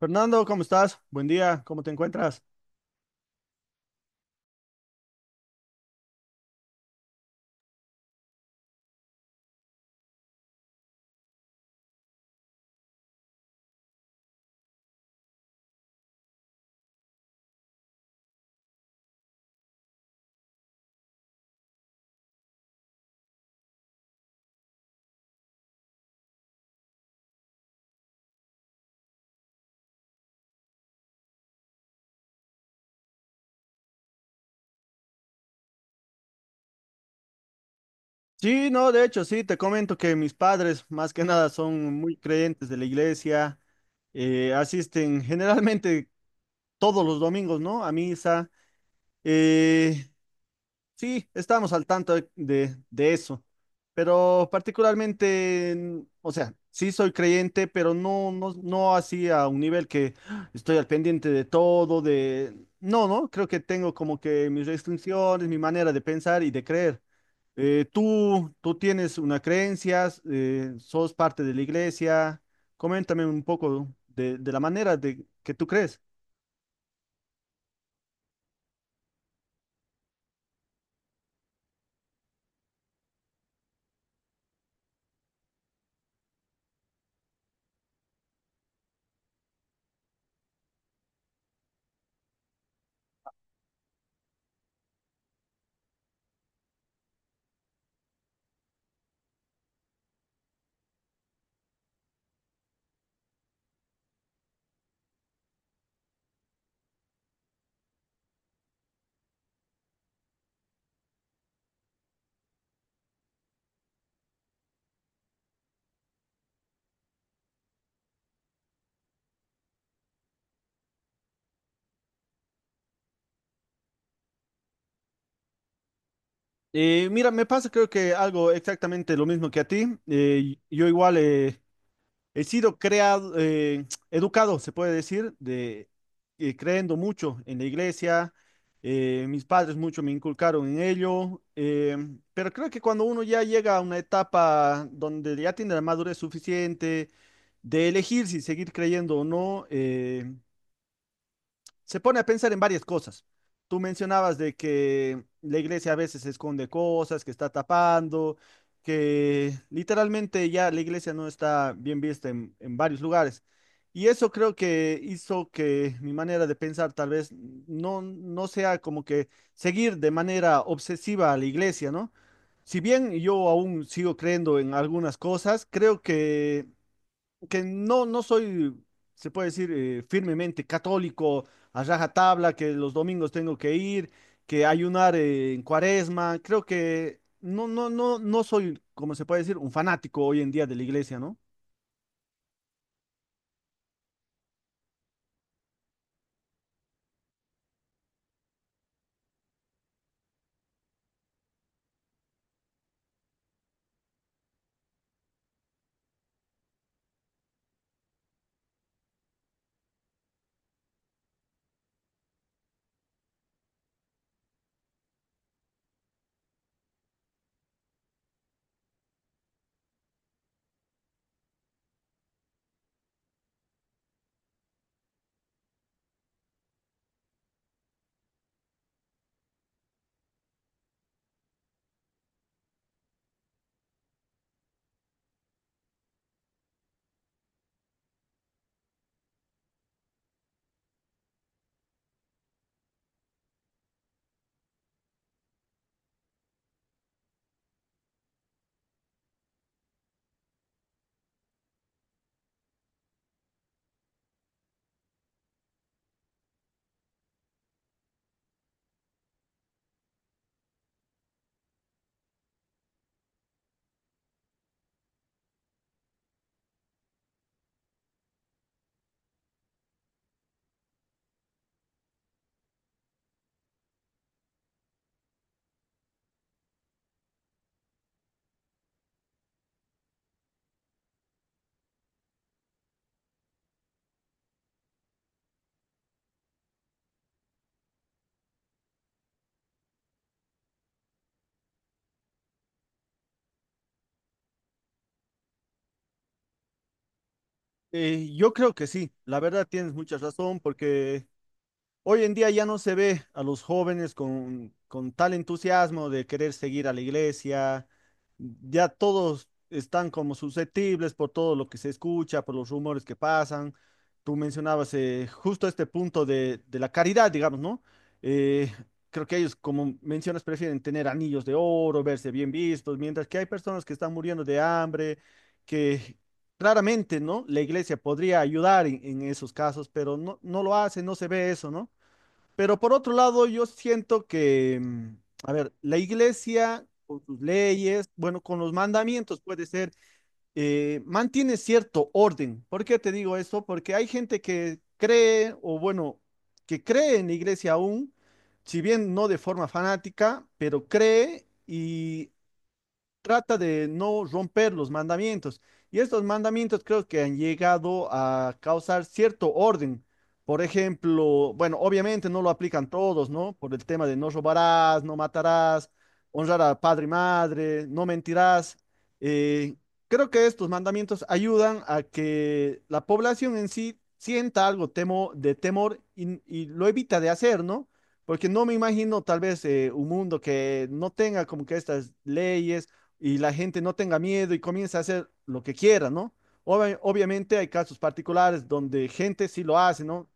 Fernando, ¿cómo estás? Buen día, ¿cómo te encuentras? Sí, no, de hecho, sí, te comento que mis padres, más que nada, son muy creyentes de la iglesia, asisten generalmente todos los domingos, ¿no? A misa. eh, sí, estamos al tanto de, de eso, pero particularmente, mm, o sea, sí soy creyente, pero no, no, no así a un nivel que ¡ah! Estoy al pendiente de todo, No, no, creo que tengo como que mis restricciones, mi manera de pensar y de creer. Tú tienes una creencia, sos parte de la iglesia. Coméntame un poco de la manera de que tú crees. Mira, me pasa creo que algo exactamente lo mismo que a ti. Yo igual he sido creado, educado, se puede decir, creyendo mucho en la iglesia. Mis padres mucho me inculcaron en ello, pero creo que cuando uno ya llega a una etapa donde ya tiene la madurez suficiente de elegir si seguir creyendo o no, se pone a pensar en varias cosas. Tú mencionabas de que la iglesia a veces esconde cosas, que está tapando, que literalmente ya la iglesia no está bien vista en varios lugares. Y eso creo que hizo que mi manera de pensar tal vez no, no sea como que seguir de manera obsesiva a la iglesia, ¿no? Si bien yo aún sigo creyendo en algunas cosas, creo que no, no soy, se puede decir, firmemente católico, a rajatabla, que los domingos tengo que ir, que ayunar en cuaresma. Creo que no, no, no, no soy, como se puede decir, un fanático hoy en día de la iglesia, ¿no? Yo creo que sí, la verdad tienes mucha razón, porque hoy en día ya no se ve a los jóvenes con tal entusiasmo de querer seguir a la iglesia. Ya todos están como susceptibles por todo lo que se escucha, por los rumores que pasan. Tú mencionabas justo este punto de la caridad, digamos, ¿no? Eh, Creo que ellos, como mencionas, prefieren tener anillos de oro, verse bien vistos, mientras que hay personas que están muriendo de hambre, que claramente, ¿no? La iglesia podría ayudar en esos casos, pero no, no lo hace, no se ve eso, ¿no? Pero por otro lado, yo siento que, mm, a ver, la iglesia con sus leyes, bueno, con los mandamientos puede ser, mantiene cierto orden. ¿Por qué te digo eso? Porque hay gente que cree, o bueno, que cree en la iglesia aún, si bien no de forma fanática, pero cree y trata de no romper los mandamientos. Y estos mandamientos creo que han llegado a causar cierto orden. Por ejemplo, bueno, obviamente no lo aplican todos, ¿no? Por el tema de no robarás, no matarás, honrar a padre y madre, no mentirás. Eh, Creo que estos mandamientos ayudan a que la población en sí sienta algo temo, de temor y lo evita de hacer, ¿no? Porque no me imagino tal vez un mundo que no tenga como que estas leyes y la gente no tenga miedo y comience a hacer lo que quiera, ¿no? Obviamente hay casos particulares donde gente sí lo hace, ¿no?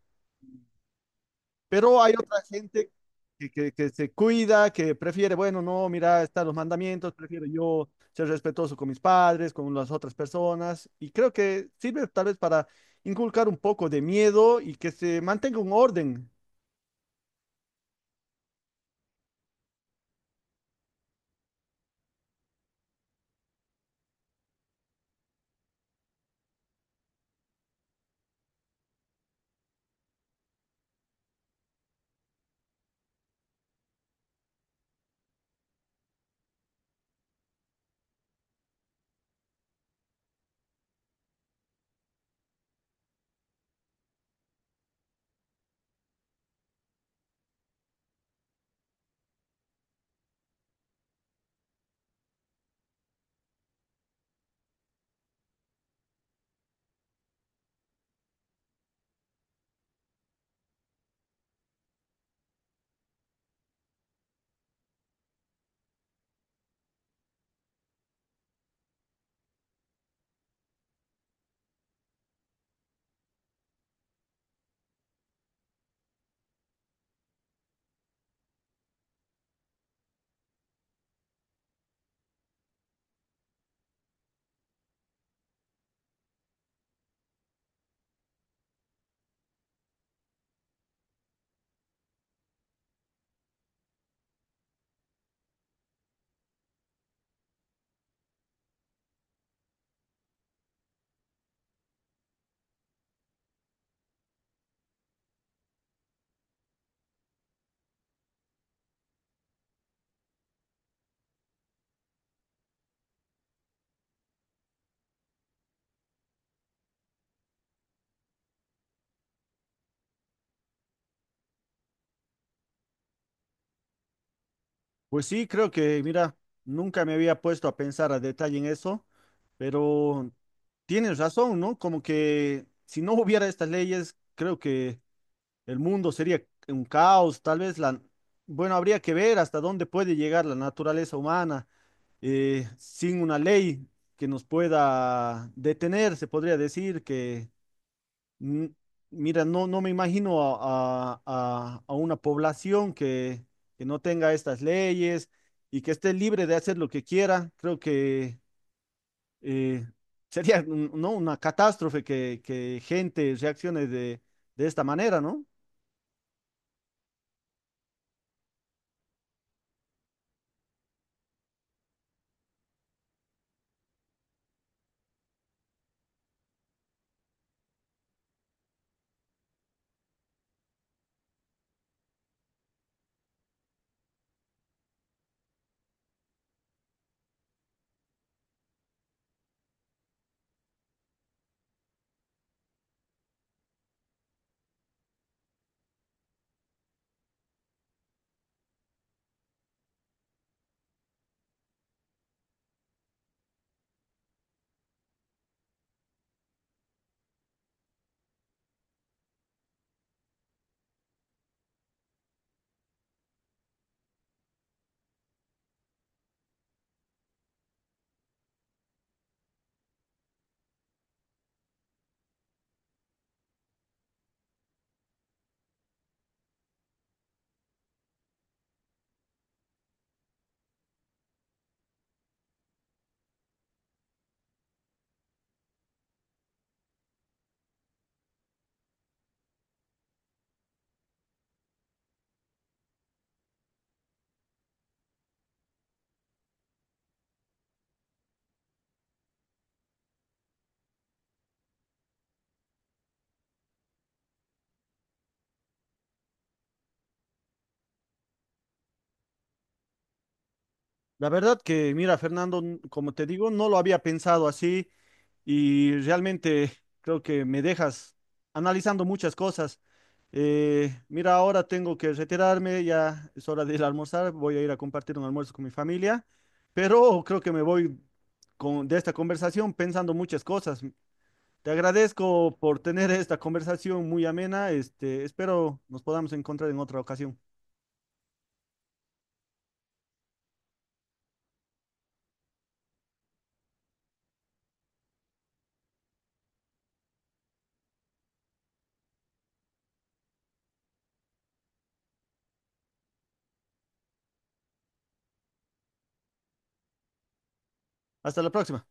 Pero hay otra gente que, que se cuida, que prefiere, bueno, no, mira, están los mandamientos, prefiero yo ser respetuoso con mis padres, con las otras personas, y creo que sirve tal vez para inculcar un poco de miedo y que se mantenga un orden. Pues sí, creo que, mira, nunca me había puesto a pensar a detalle en eso, pero tienes razón, ¿no? Como que si no hubiera estas leyes, creo que el mundo sería un caos, tal vez bueno, habría que ver hasta dónde puede llegar la naturaleza humana sin una ley que nos pueda detener, se podría decir que Mm, mira, no, no me imagino a, a una población que no tenga estas leyes y que esté libre de hacer lo que quiera. Creo que eh, sería ¿no? una catástrofe que gente reaccione de esta manera, ¿no? La verdad que, mira, Fernando, como te digo, no lo había pensado así. Y realmente creo que me dejas analizando muchas cosas. Mira, ahora tengo que retirarme, ya es hora de ir a almorzar, voy a ir a compartir un almuerzo con mi familia, pero creo que me voy con, de esta conversación pensando muchas cosas. Te agradezco por tener esta conversación muy amena, este, espero nos podamos encontrar en otra ocasión. Hasta la próxima.